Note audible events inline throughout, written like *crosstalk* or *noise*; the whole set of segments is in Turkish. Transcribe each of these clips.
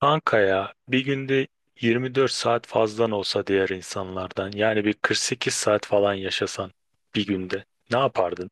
Kanka ya bir günde 24 saat fazlan olsa diğer insanlardan, yani bir 48 saat falan yaşasan bir günde ne yapardın?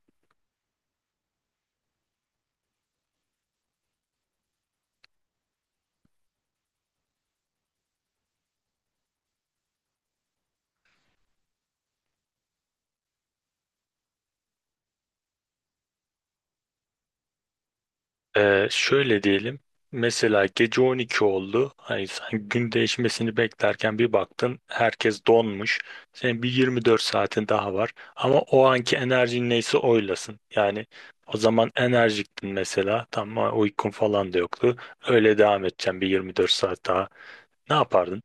Şöyle diyelim, mesela gece 12 oldu, hani sen gün değişmesini beklerken bir baktın herkes donmuş, senin bir 24 saatin daha var ama o anki enerjin neyse oylasın yani. O zaman enerjiktin mesela, tamam, uykun falan da yoktu, öyle devam edeceğim bir 24 saat daha, ne yapardın?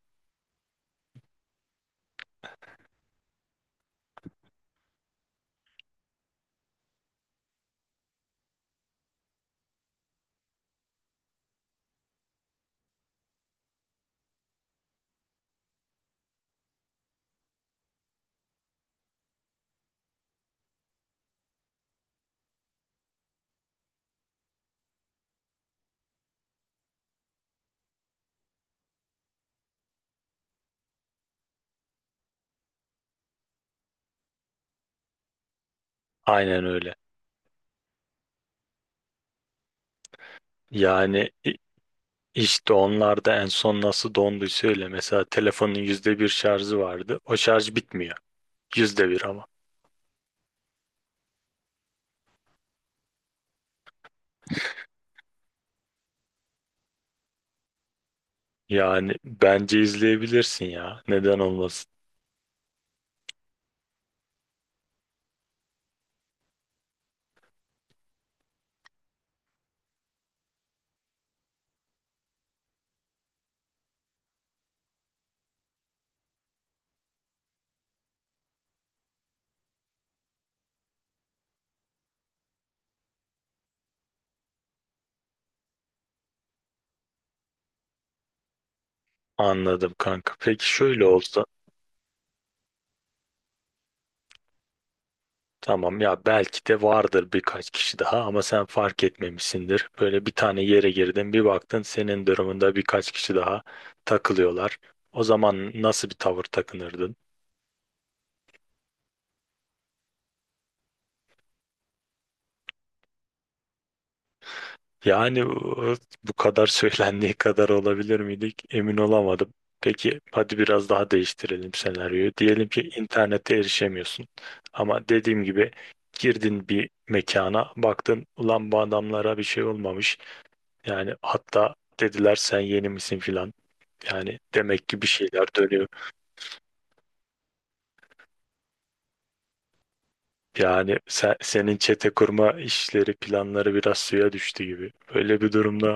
Aynen öyle. Yani i- işte onlar da en son nasıl donduysa öyle. Mesela telefonun yüzde bir şarjı vardı. O şarj bitmiyor. Yüzde bir ama. Yani bence izleyebilirsin ya. Neden olmasın? Anladım kanka. Peki şöyle olsa. Tamam ya, belki de vardır birkaç kişi daha ama sen fark etmemişsindir. Böyle bir tane yere girdin, bir baktın senin durumunda birkaç kişi daha takılıyorlar. O zaman nasıl bir tavır takınırdın? Yani o- Bu kadar söylendiği kadar olabilir miydik? Emin olamadım. Peki hadi biraz daha değiştirelim senaryoyu. Diyelim ki internete erişemiyorsun. Ama dediğim gibi, girdin bir mekana, baktın ulan bu adamlara bir şey olmamış. Yani hatta dediler sen yeni misin filan. Yani demek ki bir şeyler dönüyor. Senin çete kurma işleri, planları biraz suya düştü gibi. Böyle bir durumda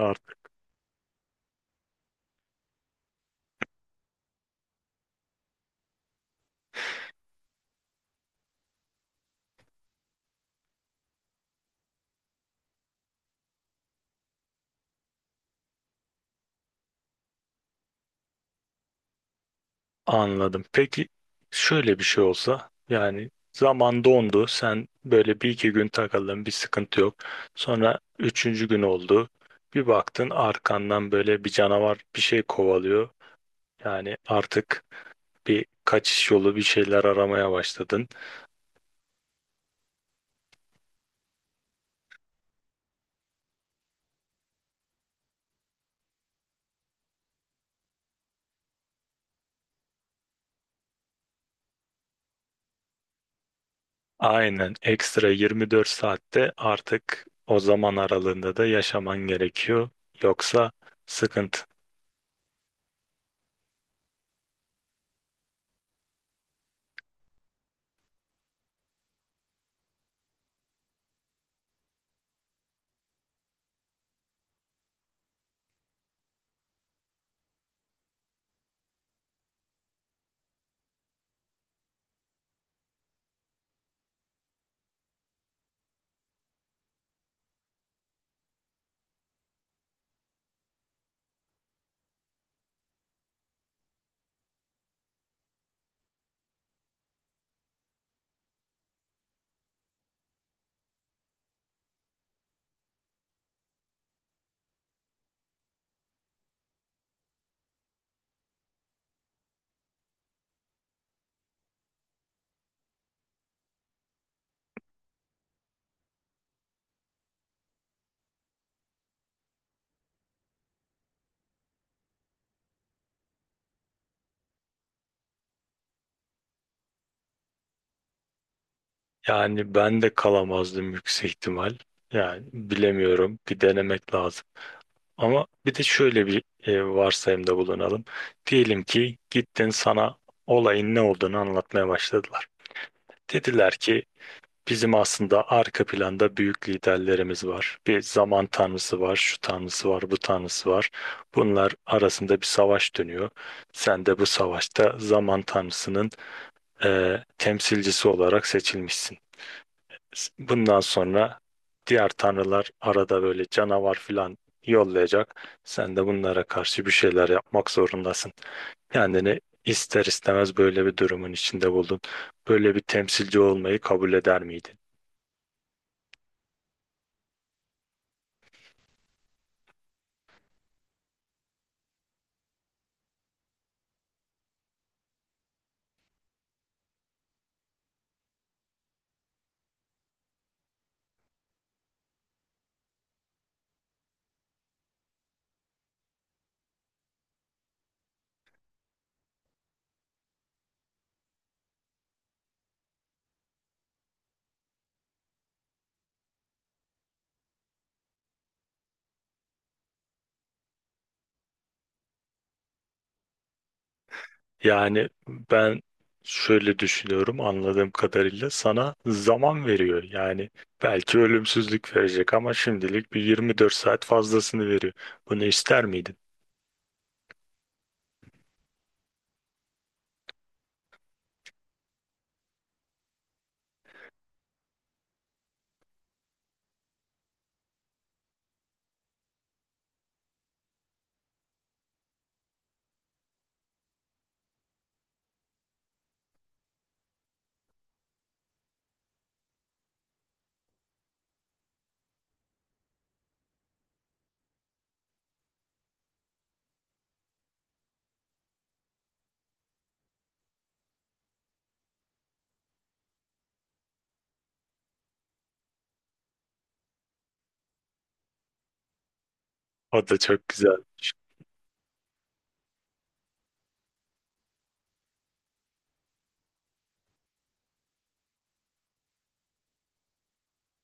anladım. Peki şöyle bir şey olsa, yani zaman dondu, sen böyle bir iki gün takıldın, bir sıkıntı yok. Sonra üçüncü gün oldu, bir baktın arkandan böyle bir canavar bir şey kovalıyor. Yani artık bir kaçış yolu, bir şeyler aramaya başladın. Aynen, ekstra 24 saatte artık o zaman aralığında da yaşaman gerekiyor. Yoksa sıkıntı. Yani ben de kalamazdım yüksek ihtimal. Yani bilemiyorum. Bir denemek lazım. Ama bir de şöyle bir varsayımda bulunalım. Diyelim ki gittin, sana olayın ne olduğunu anlatmaya başladılar. Dediler ki bizim aslında arka planda büyük liderlerimiz var. Bir zaman tanrısı var, şu tanrısı var, bu tanrısı var. Bunlar arasında bir savaş dönüyor. Sen de bu savaşta zaman tanrısının temsilcisi olarak seçilmişsin. Bundan sonra diğer tanrılar arada böyle canavar filan yollayacak. Sen de bunlara karşı bir şeyler yapmak zorundasın. Kendini ister istemez böyle bir durumun içinde buldun. Böyle bir temsilci olmayı kabul eder miydin? Yani ben şöyle düşünüyorum, anladığım kadarıyla sana zaman veriyor. Yani belki ölümsüzlük verecek ama şimdilik bir 24 saat fazlasını veriyor. Bunu ister miydin? O da çok güzel.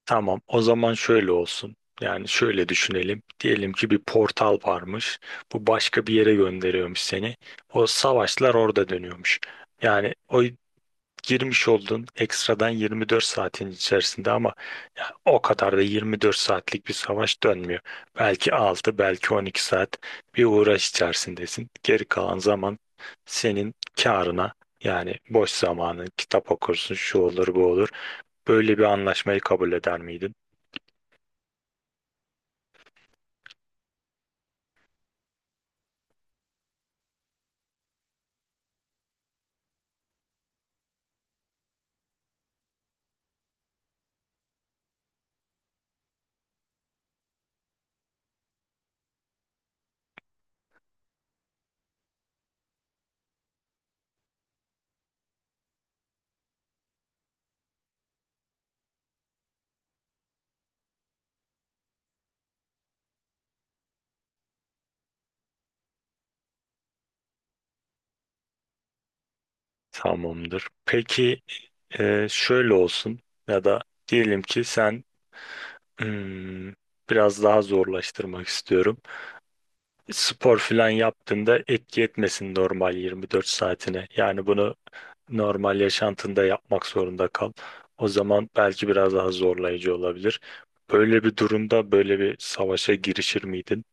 Tamam, o zaman şöyle olsun. Yani şöyle düşünelim. Diyelim ki bir portal varmış. Bu başka bir yere gönderiyormuş seni. O savaşlar orada dönüyormuş. Yani o girmiş oldun ekstradan 24 saatin içerisinde ama ya o kadar da 24 saatlik bir savaş dönmüyor. Belki 6, belki 12 saat bir uğraş içerisindesin. Geri kalan zaman senin karına, yani boş zamanın, kitap okursun, şu olur bu olur. Böyle bir anlaşmayı kabul eder miydin? Tamamdır. Peki şöyle olsun, ya da diyelim ki sen, hmm, biraz daha zorlaştırmak istiyorum. Spor falan yaptığında etki etmesin normal 24 saatine. Yani bunu normal yaşantında yapmak zorunda kal. O zaman belki biraz daha zorlayıcı olabilir. Böyle bir durumda böyle bir savaşa girişir miydin?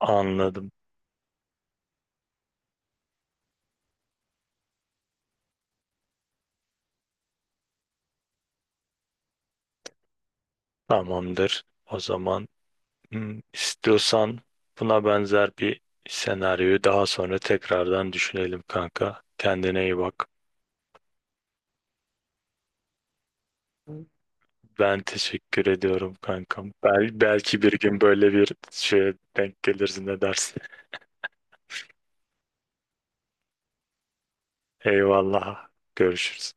Anladım. Tamamdır. O zaman, istiyorsan buna benzer bir senaryoyu daha sonra tekrardan düşünelim kanka. Kendine iyi bak. Ben teşekkür ediyorum kankam. Belki bir gün böyle bir şeye denk gelirsin, ne dersin. *laughs* Eyvallah. Görüşürüz.